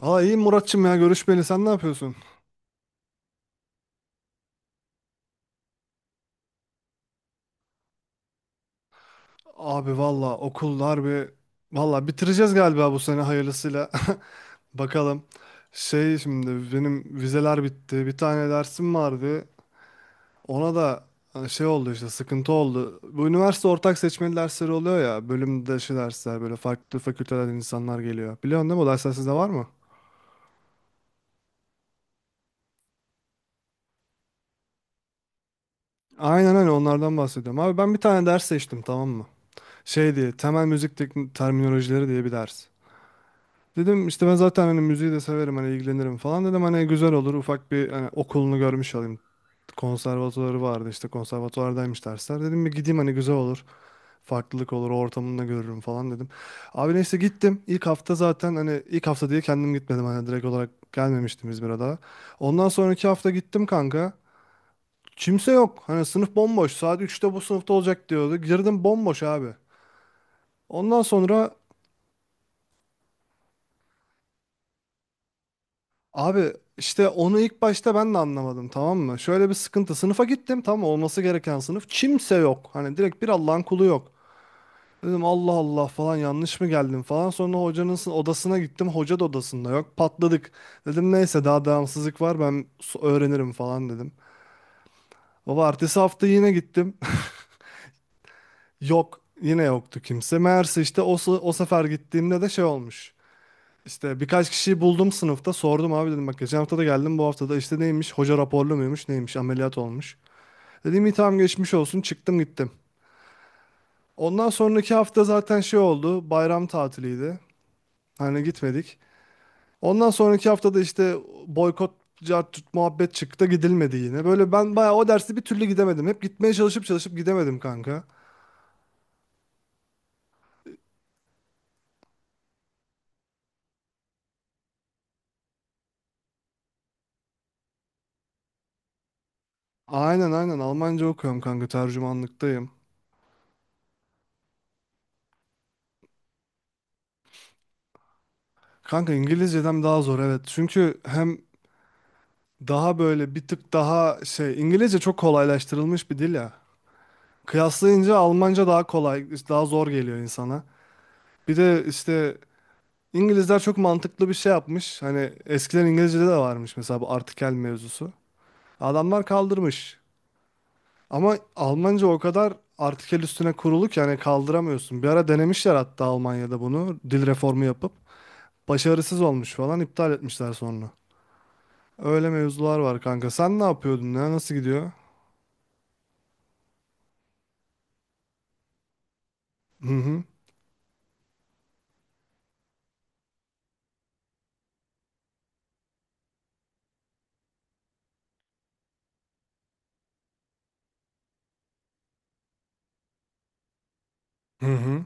Aa iyi Muratçım ya görüşmeli sen ne yapıyorsun? Abi valla okullar valla bitireceğiz galiba bu sene hayırlısıyla. Bakalım. Şey şimdi benim vizeler bitti. Bir tane dersim vardı. Ona da hani şey oldu, işte sıkıntı oldu. Bu üniversite ortak seçmeli dersleri oluyor ya. Bölüm dışı dersler, böyle farklı fakültelerden insanlar geliyor. Biliyorsun değil mi, o dersler sizde var mı? Aynen öyle, onlardan bahsediyorum. Abi ben bir tane ders seçtim, tamam mı? Şey diye, temel müzik teknik terminolojileri diye bir ders. Dedim işte ben zaten hani müziği de severim, hani ilgilenirim falan dedim, hani güzel olur, ufak bir hani okulunu görmüş olayım. Konservatuvarı vardı, işte konservatuvardaymış dersler. Dedim bir gideyim, hani güzel olur. Farklılık olur, ortamını da görürüm falan dedim. Abi neyse gittim. İlk hafta zaten hani ilk hafta diye kendim gitmedim, hani direkt olarak gelmemiştim İzmir'e daha. Ondan sonraki hafta gittim kanka. Kimse yok. Hani sınıf bomboş. Saat üçte bu sınıfta olacak diyordu. Girdim, bomboş abi. Ondan sonra, abi işte onu ilk başta ben de anlamadım, tamam mı? Şöyle bir sıkıntı. Sınıfa gittim, tamam mı? Olması gereken sınıf. Kimse yok. Hani direkt bir Allah'ın kulu yok. Dedim Allah Allah falan, yanlış mı geldim falan. Sonra hocanın odasına gittim. Hoca da odasında yok. Patladık. Dedim neyse daha devamsızlık var, ben öğrenirim falan dedim. Baba ertesi hafta yine gittim. Yok. Yine yoktu kimse. Meğerse işte o, o sefer gittiğimde de şey olmuş. İşte birkaç kişiyi buldum sınıfta, sordum abi dedim, bak geçen hafta da geldim bu hafta da, işte neymiş, hoca raporlu muymuş, neymiş ameliyat olmuş. Dedim iyi tamam geçmiş olsun, çıktım gittim. Ondan sonraki hafta zaten şey oldu, bayram tatiliydi hani, gitmedik. Ondan sonraki hafta da işte boykot, cart tut muhabbet çıktı, gidilmedi yine. Böyle ben bayağı o dersi bir türlü gidemedim. Hep gitmeye çalışıp çalışıp gidemedim kanka. Aynen aynen, Almanca okuyorum kanka, tercümanlıktayım. Kanka İngilizceden daha zor, evet. Çünkü hem, daha böyle bir tık daha şey, İngilizce çok kolaylaştırılmış bir dil ya. Kıyaslayınca Almanca daha kolay, daha zor geliyor insana. Bir de işte İngilizler çok mantıklı bir şey yapmış. Hani eskiden İngilizce'de de varmış mesela bu artikel mevzusu. Adamlar kaldırmış. Ama Almanca o kadar artikel üstüne kurulu ki hani kaldıramıyorsun. Bir ara denemişler hatta Almanya'da bunu, dil reformu yapıp başarısız olmuş falan, iptal etmişler sonra. Öyle mevzular var kanka. Sen ne yapıyordun ya? Nasıl gidiyor? Hı hı. Hı hı.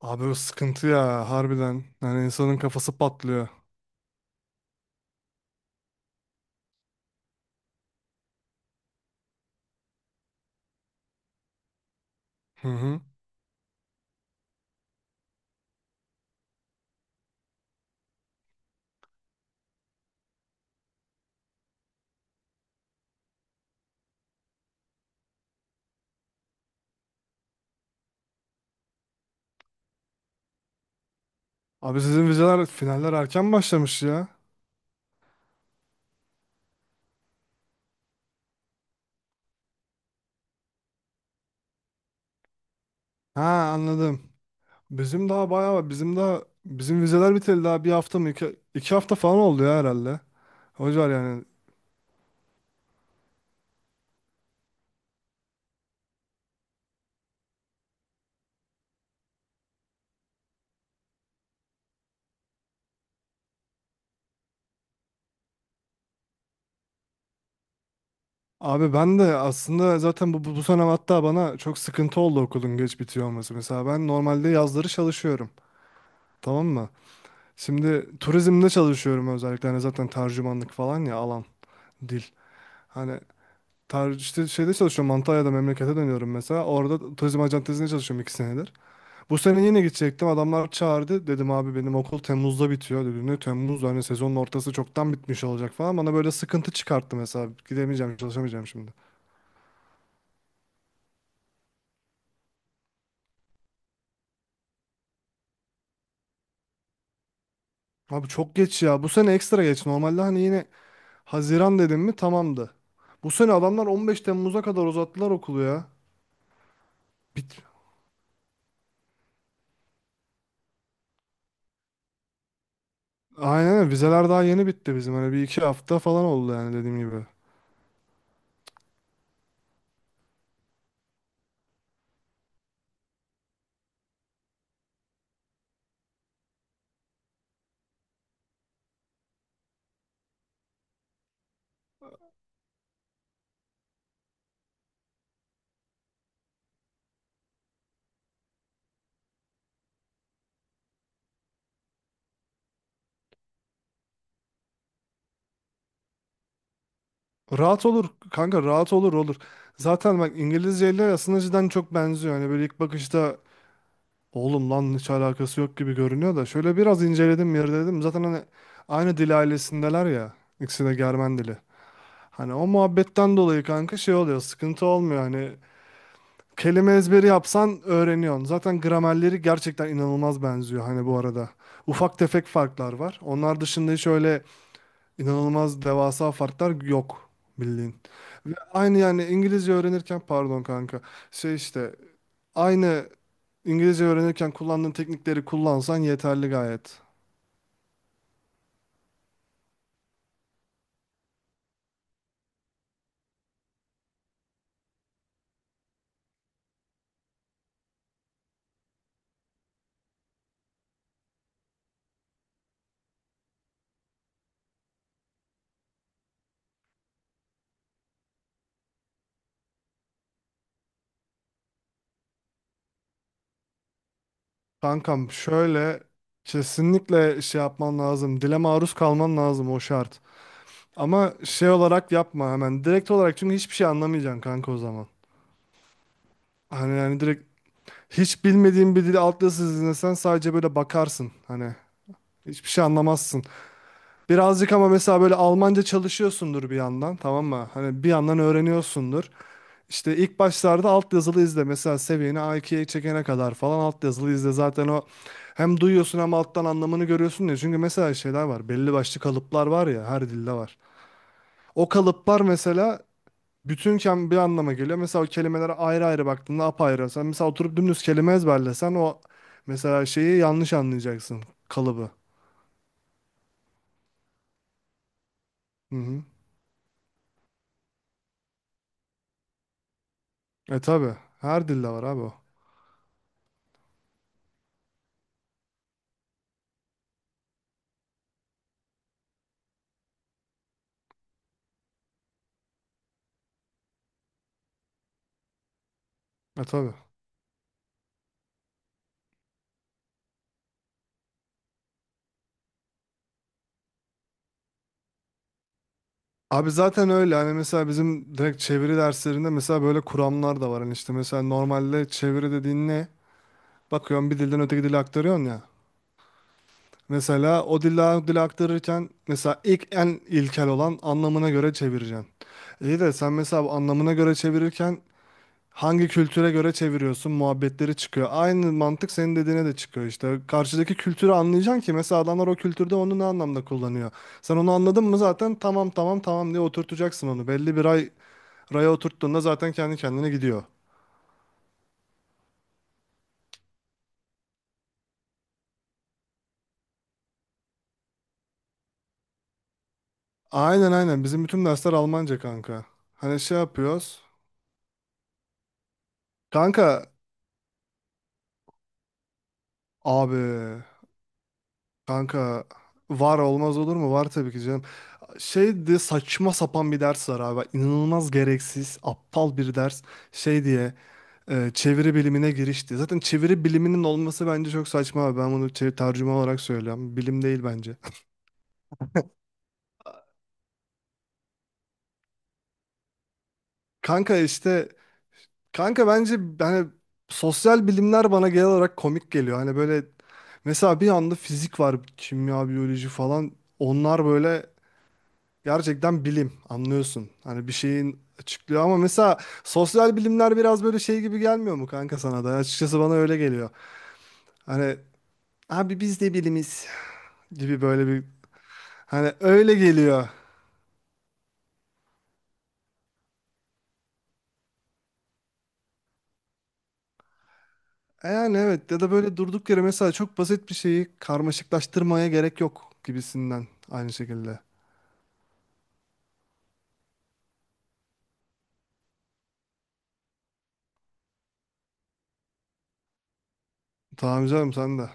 Abi o sıkıntı ya, harbiden. Yani insanın kafası patlıyor. Hı hı. Abi sizin vizeler finaller erken başlamış ya. Ha, anladım. Bizim daha bayağı var. Bizim daha, bizim vizeler biteli daha bir hafta mı, iki hafta falan oldu ya herhalde. Hocalar yani. Abi ben de aslında zaten bu sene hatta bana çok sıkıntı oldu okulun geç bitiyor olması. Mesela ben normalde yazları çalışıyorum. Tamam mı? Şimdi turizmde çalışıyorum özellikle. Hani zaten tercümanlık falan ya, alan dil. Hani işte şeyde çalışıyorum, Antalya'da, memlekete dönüyorum mesela. Orada turizm acentesinde çalışıyorum 2 senedir. Bu sene yine gidecektim. Adamlar çağırdı. Dedim abi benim okul Temmuz'da bitiyor dedi. Ne Temmuz, hani sezonun ortası çoktan bitmiş olacak falan. Bana böyle sıkıntı çıkarttı mesela. Gidemeyeceğim, çalışamayacağım şimdi. Abi çok geç ya. Bu sene ekstra geç. Normalde hani yine Haziran dedim mi tamamdı. Bu sene adamlar 15 Temmuz'a kadar uzattılar okulu ya. Bit Aynen öyle. Vizeler daha yeni bitti bizim. Hani bir iki hafta falan oldu yani, dediğim gibi. Rahat olur kanka, rahat olur. Zaten bak İngilizce ile aslında cidden çok benziyor. Hani böyle ilk bakışta oğlum lan hiç alakası yok gibi görünüyor da, şöyle biraz inceledim dedim, zaten hani aynı dil ailesindeler ya. İkisi de Germen dili. Hani o muhabbetten dolayı kanka şey oluyor, sıkıntı olmuyor, hani kelime ezberi yapsan öğreniyorsun. Zaten gramerleri gerçekten inanılmaz benziyor hani, bu arada. Ufak tefek farklar var. Onlar dışında hiç öyle inanılmaz devasa farklar yok ve aynı yani İngilizce öğrenirken pardon kanka şey işte aynı İngilizce öğrenirken kullandığın teknikleri kullansan yeterli gayet. Kankam şöyle, kesinlikle şey yapman lazım. Dile maruz kalman lazım, o şart. Ama şey olarak yapma hemen. Direkt olarak, çünkü hiçbir şey anlamayacaksın kanka o zaman. Hani yani direkt hiç bilmediğin bir dili alt yazısız dinlesen, sadece böyle bakarsın. Hani hiçbir şey anlamazsın. Birazcık ama mesela böyle Almanca çalışıyorsundur bir yandan, tamam mı? Hani bir yandan öğreniyorsundur. İşte ilk başlarda alt yazılı izle. Mesela seviyeni A2'ye çekene kadar falan alt yazılı izle. Zaten o hem duyuyorsun hem alttan anlamını görüyorsun ya. Çünkü mesela şeyler var. Belli başlı kalıplar var ya, her dilde var. O kalıplar mesela bütünken bir anlama geliyor. Mesela o kelimelere ayrı ayrı baktığında apayrı. Sen mesela oturup dümdüz kelime ezberlesen o, mesela şeyi yanlış anlayacaksın, kalıbı. Hı hı. E tabi. Her dilde var abi o. E tabi. Abi zaten öyle hani, mesela bizim direkt çeviri derslerinde mesela böyle kuramlar da var hani, işte mesela normalde çeviri dediğin ne? Bakıyorsun bir dilden öteki dile aktarıyorsun ya. Mesela o dilden o dile aktarırken mesela ilk en ilkel olan anlamına göre çevireceksin. İyi de sen mesela bu anlamına göre çevirirken hangi kültüre göre çeviriyorsun muhabbetleri çıkıyor. Aynı mantık senin dediğine de çıkıyor işte. Karşıdaki kültürü anlayacaksın ki mesela adamlar o kültürde onu ne anlamda kullanıyor. Sen onu anladın mı, zaten tamam tamam tamam diye oturtacaksın onu. Belli bir ay raya oturttuğunda zaten kendi kendine gidiyor. Aynen aynen. Bizim bütün dersler Almanca kanka. Hani şey yapıyoruz. Kanka abi kanka, var olmaz olur mu? Var tabii ki canım. Şeydi, saçma sapan bir ders var abi. İnanılmaz gereksiz, aptal bir ders. Şey diye, çeviri bilimine girişti. Zaten çeviri biliminin olması bence çok saçma abi. Ben bunu tercüme olarak söylüyorum. Bilim değil bence. Kanka işte, kanka bence hani sosyal bilimler bana genel olarak komik geliyor. Hani böyle mesela bir anda fizik var, kimya, biyoloji falan. Onlar böyle gerçekten bilim, anlıyorsun. Hani bir şeyin açıklıyor, ama mesela sosyal bilimler biraz böyle şey gibi gelmiyor mu kanka sana da? Açıkçası bana öyle geliyor. Hani abi biz de bilimiz gibi böyle bir, hani öyle geliyor. E yani evet, ya da böyle durduk yere mesela çok basit bir şeyi karmaşıklaştırmaya gerek yok gibisinden, aynı şekilde. Tamam canım sen de.